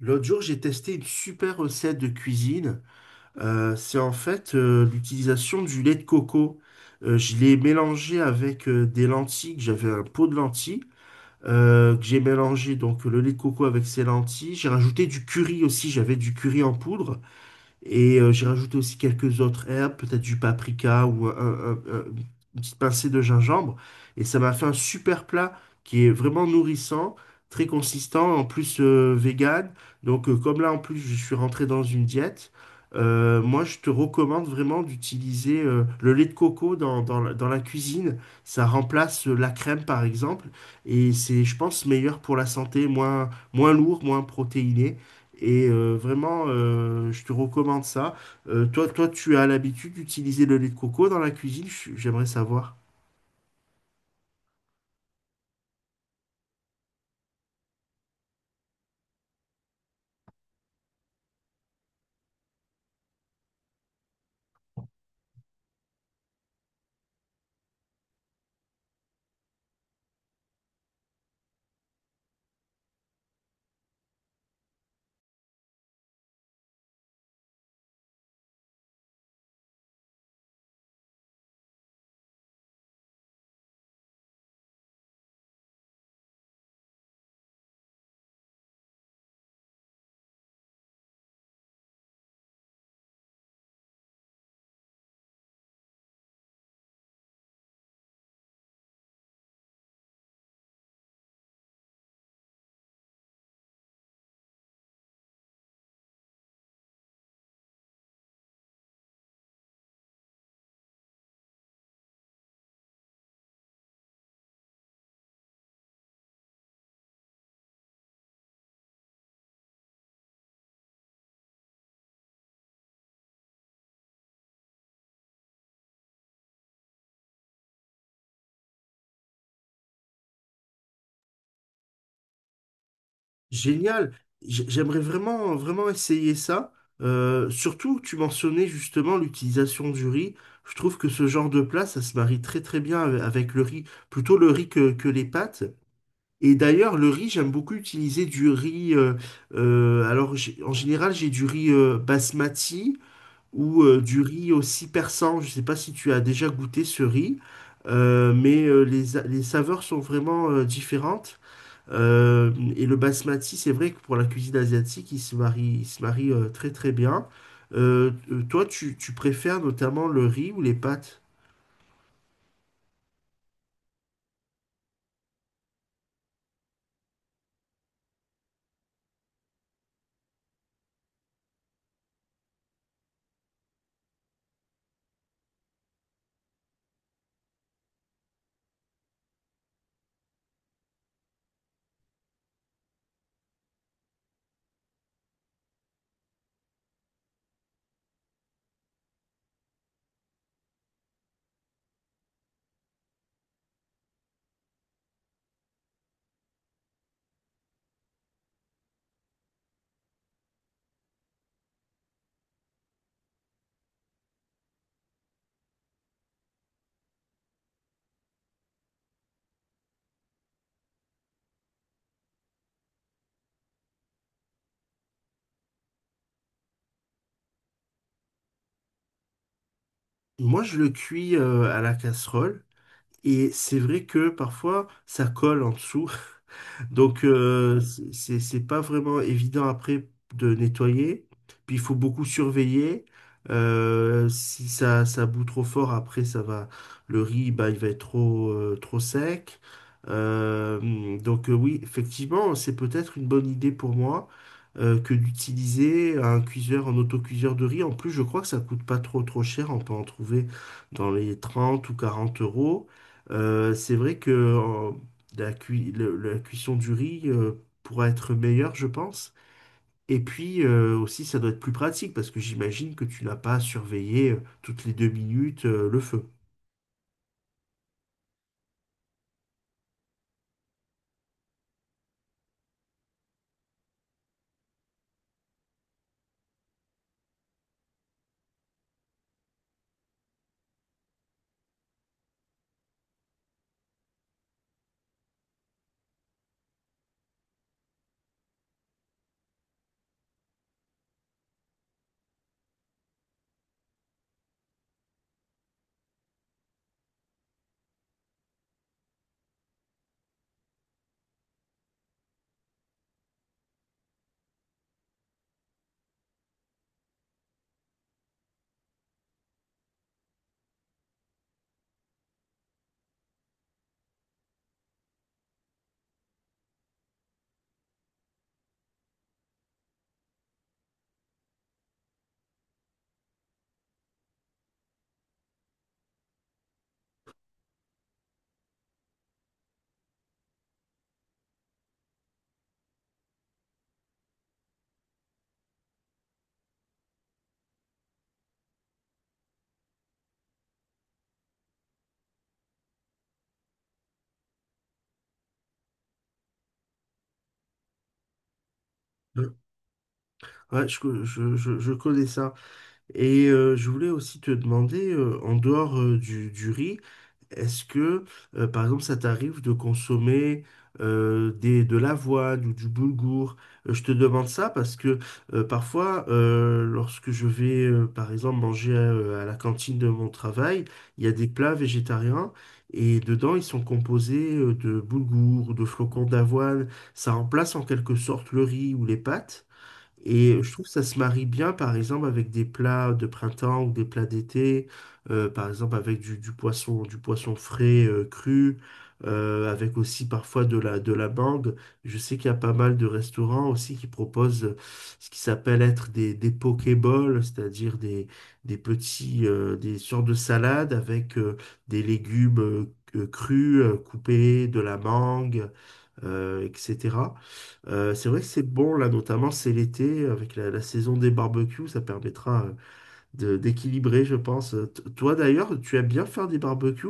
L'autre jour, j'ai testé une super recette de cuisine. C'est en fait l'utilisation du lait de coco. Je l'ai mélangé avec des lentilles, que j'avais un pot de lentilles, que j'ai mélangé donc le lait de coco avec ces lentilles. J'ai rajouté du curry aussi, j'avais du curry en poudre. J'ai rajouté aussi quelques autres herbes, peut-être du paprika ou une petite pincée de gingembre. Et ça m'a fait un super plat qui est vraiment nourrissant, très consistant, en plus vegan. Donc comme là en plus je suis rentré dans une diète, moi je te recommande vraiment d'utiliser le lait de coco dans la cuisine. Ça remplace la crème par exemple. Et c'est je pense meilleur pour la santé, moins lourd, moins protéiné. Je te recommande ça. Toi, tu as l'habitude d'utiliser le lait de coco dans la cuisine, j'aimerais savoir. Génial. J'aimerais vraiment essayer ça. Surtout, tu mentionnais justement l'utilisation du riz. Je trouve que ce genre de plat, ça se marie très très bien avec le riz, plutôt le riz que les pâtes. Et d'ailleurs, le riz, j'aime beaucoup utiliser du riz. En général, j'ai du riz basmati, ou du riz aussi persan. Je ne sais pas si tu as déjà goûté ce riz, mais les saveurs sont vraiment différentes. Et le basmati, c'est vrai que pour la cuisine asiatique, il se marie très très bien. Tu préfères notamment le riz ou les pâtes? Moi, je le cuis à la casserole. Et c'est vrai que parfois, ça colle en dessous. Donc, c'est pas vraiment évident après de nettoyer. Puis, il faut beaucoup surveiller. Si ça bout trop fort, après, ça va. Le riz, bah, il va être trop, trop sec. Donc, oui, effectivement, c'est peut-être une bonne idée pour moi que d'utiliser un cuiseur, un autocuiseur de riz. En plus, je crois que ça coûte pas trop cher. On peut en trouver dans les 30 ou 40 euros. C'est vrai que la cuisson du riz pourra être meilleure, je pense. Et puis aussi, ça doit être plus pratique parce que j'imagine que tu n'as pas à surveiller toutes les 2 minutes le feu. Ouais, Ouais, je connais ça. Et je voulais aussi te demander, en dehors du riz, est-ce que par exemple, ça t'arrive de consommer de l'avoine ou du boulgour? Je te demande ça parce que parfois, lorsque je vais, par exemple, manger à la cantine de mon travail, il y a des plats végétariens et dedans, ils sont composés de boulgour ou de flocons d'avoine. Ça remplace en quelque sorte le riz ou les pâtes. Et je trouve que ça se marie bien, par exemple, avec des plats de printemps ou des plats d'été, par exemple avec du poisson frais, cru, avec aussi parfois de la mangue. Je sais qu'il y a pas mal de restaurants aussi qui proposent ce qui s'appelle être des pokéballs, c'est-à-dire des petits, des sortes de salades avec des légumes crus, coupés, de la mangue etc. C'est vrai que c'est bon, là, notamment, c'est l'été, avec la saison des barbecues, ça permettra d'équilibrer, je pense. Toi, d'ailleurs, tu aimes bien faire des barbecues?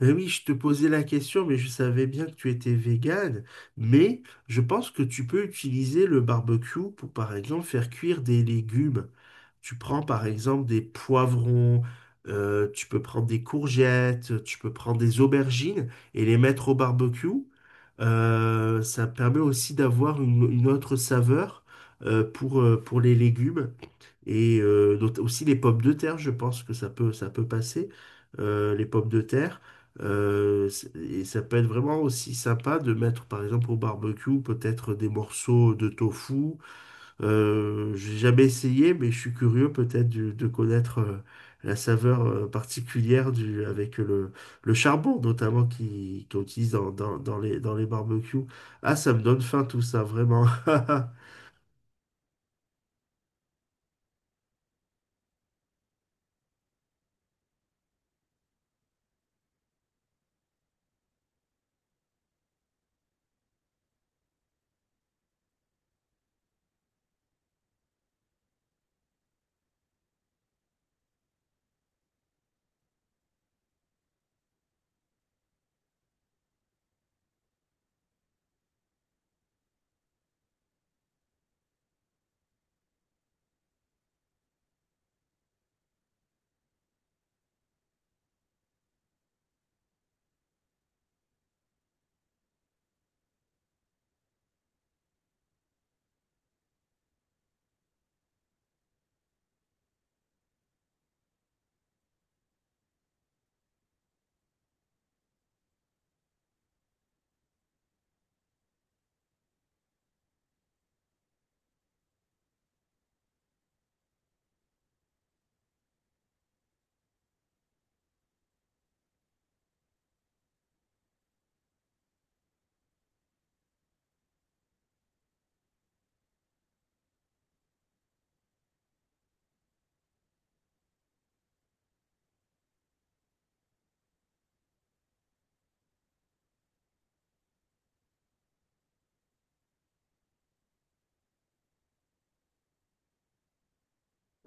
Ben oui, je te posais la question, mais je savais bien que tu étais végane. Mais je pense que tu peux utiliser le barbecue pour, par exemple, faire cuire des légumes. Tu prends, par exemple, des poivrons, tu peux prendre des courgettes, tu peux prendre des aubergines et les mettre au barbecue. Ça permet aussi d'avoir une autre saveur, pour les légumes. Et aussi les pommes de terre, je pense que ça peut passer. Les pommes de terre. Et ça peut être vraiment aussi sympa de mettre, par exemple, au barbecue, peut-être des morceaux de tofu. J'ai jamais essayé, mais je suis curieux peut-être de connaître la saveur particulière du, avec le charbon, notamment, qu'on utilise dans les barbecues. Ah, ça me donne faim tout ça, vraiment.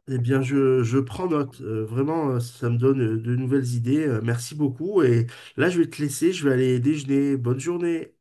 Eh bien, je prends note. Ça me donne de nouvelles idées. Merci beaucoup. Et là, je vais te laisser. Je vais aller déjeuner. Bonne journée.